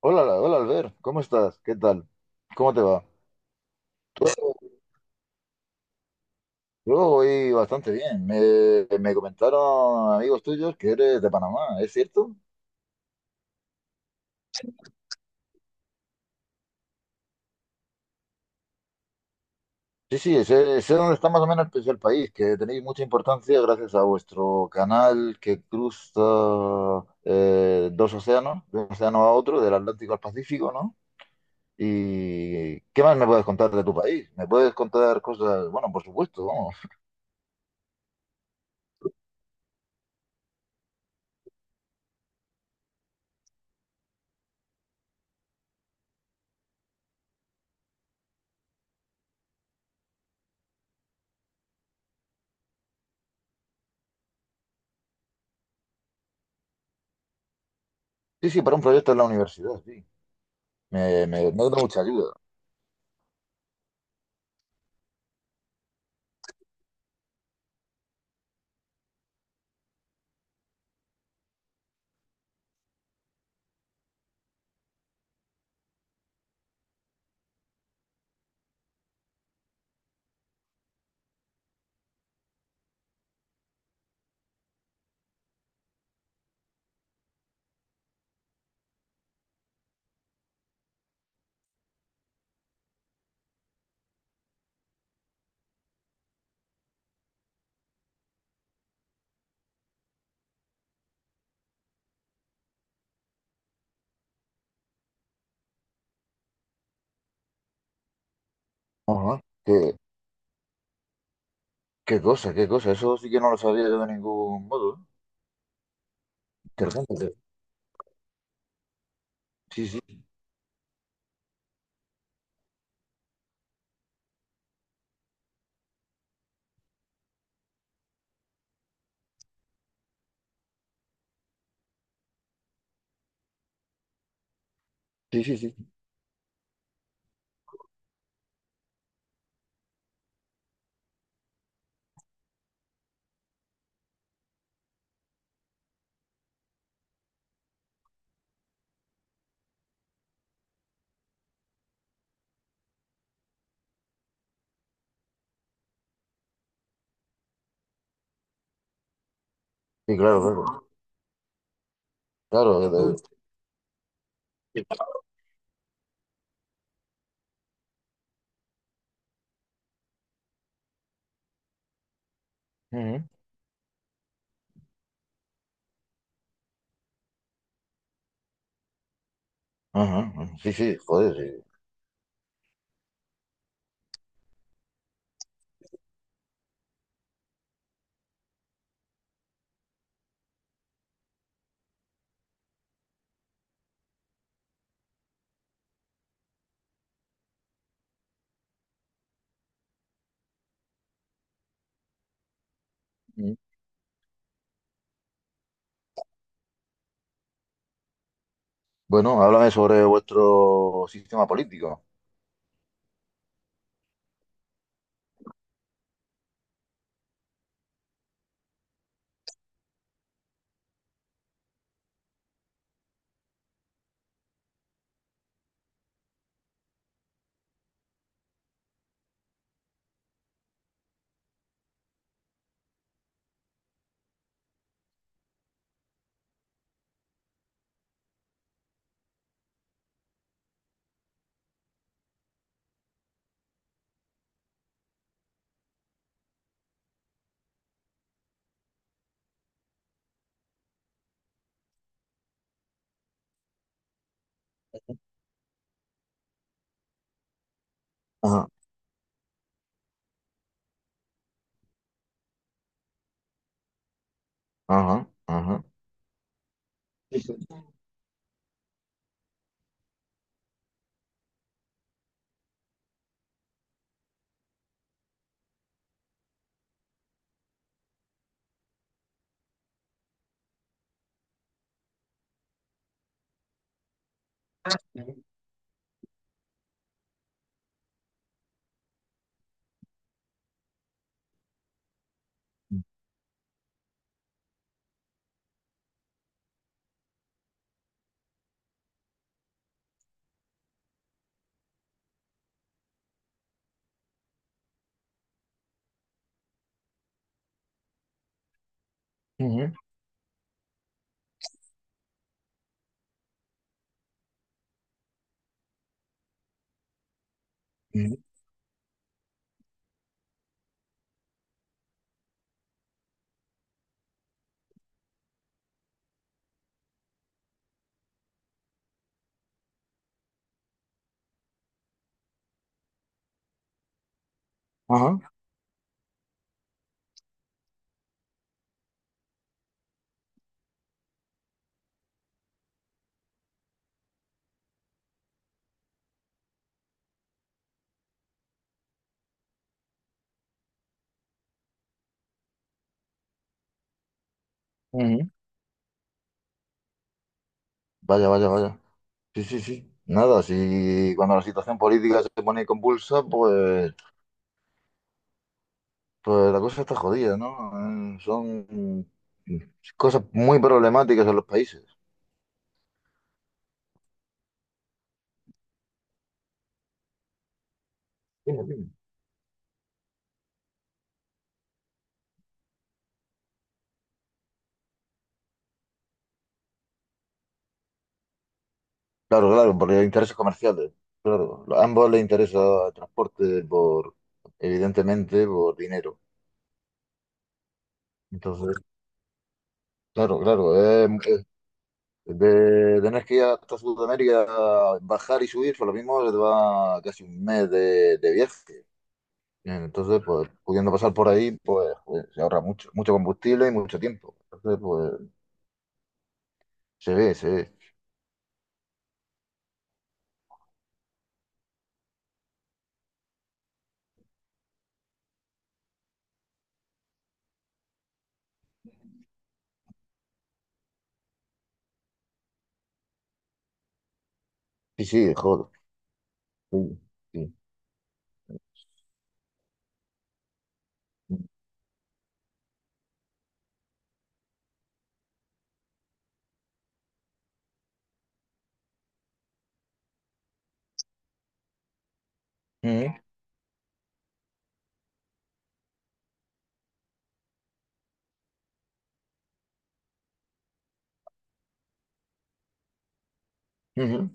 Hola, hola Albert, ¿cómo estás? ¿Qué tal? ¿Cómo te va? Yo, yo voy bastante bien. Me comentaron amigos tuyos que eres de Panamá, ¿es cierto? Sí, sí, sé dónde está más o menos pues, el país, que tenéis mucha importancia gracias a vuestro canal que cruza dos océanos, de un océano a otro, del Atlántico al Pacífico, ¿no? ¿Y qué más me puedes contar de tu país? ¿Me puedes contar cosas? Bueno, por supuesto, vamos. Sí, sí, para un proyecto en la universidad, sí. Me da mucha ayuda. Ajá. Qué cosa, qué cosa. Eso sí que no lo sabía yo de ningún modo, ¿eh? Interesante. Sí. Sí, sí, sí, sí, sí. Sí, claro, claro. Claro, de- Ujú. Ajá, ajá. Sí, sí, joder, sí. Ujú. Bueno, háblame sobre vuestro sistema político. Ajá, ajá, ajá. Sí, sí. Ujú, ujú. Ajá, ujú. Vaya, vaya, vaya. Sí, sí, sí. Nada, si cuando la situación política se pone convulsa, pues pues la cosa está jodida, ¿no? Son mm, cosas muy problemáticas en los países. Dime, dime. Claro, claro, porque hay intereses comerciales. Claro, a ambos les interesa el transporte por, evidentemente, por dinero. Entonces, claro, claro, de tener que ir hasta Sudamérica, bajar y subir, por lo mismo se te va casi un mes de viaje. Entonces, pues, pudiendo pasar por ahí, pues, joder, se ahorra mucho, mucho combustible y mucho tiempo. Entonces, pues, se ve, se ve. Sí, sí, de jodo. Sí, sí. Ujú, ujú,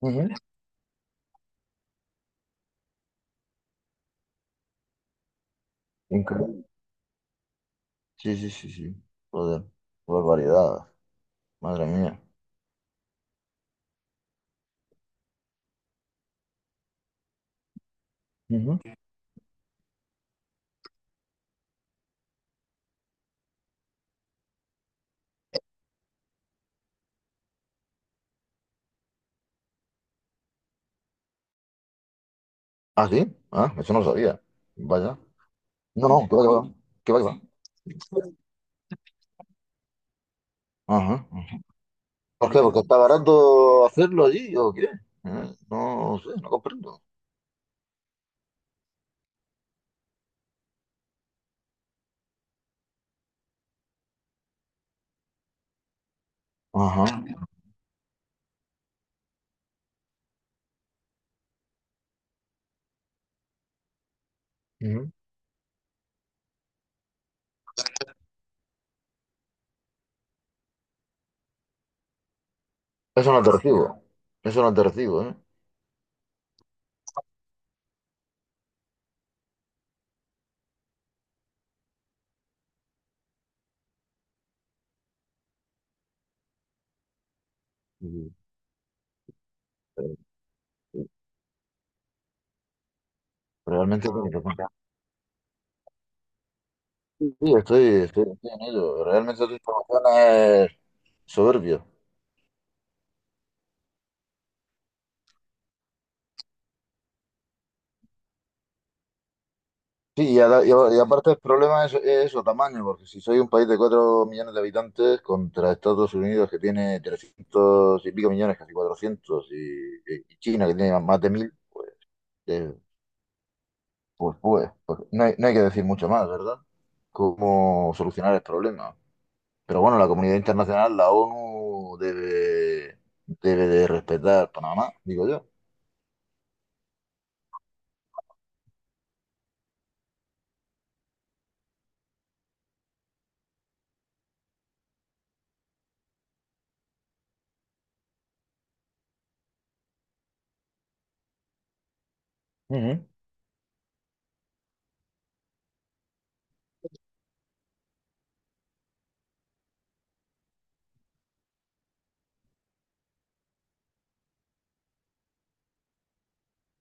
ujú. Increíble. Sí, sí, sí, sí. Joder, qué barbaridad. Madre mía. Ujú. Ah, sí. Ah, eso no lo sabía. Vaya. No, no, qué va, qué va. Qué va, qué va. Ajá, ajá. ¿Por qué? ¿Porque está barato hacerlo allí o qué? No sé, no comprendo. Ajá. Ujú. Eso no te recibo. Eso no te recibo, ¿eh? Sí, pero- sí. Realmente tienes razón. Sí, sí, estoy en ello. Realmente tu información es soberbia. Sí, y aparte el problema es eso, tamaño, porque si soy un país de 4 millones de habitantes contra Estados Unidos que tiene 300 y pico millones, casi 400 y China que tiene más de 1.000 eh, pues, pues, pues no hay, no hay que decir mucho más, ¿verdad? Cómo solucionar el problema. Pero bueno, la comunidad internacional, la ONU, debe, debe de respetar Panamá, digo yo. Ujú.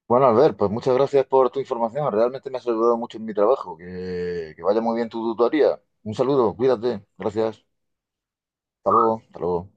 Bueno, Albert, pues muchas gracias por tu información. Realmente me has ayudado mucho en mi trabajo. Que vaya muy bien tu tutoría. Un saludo, cuídate. Gracias. Hasta luego, hasta luego.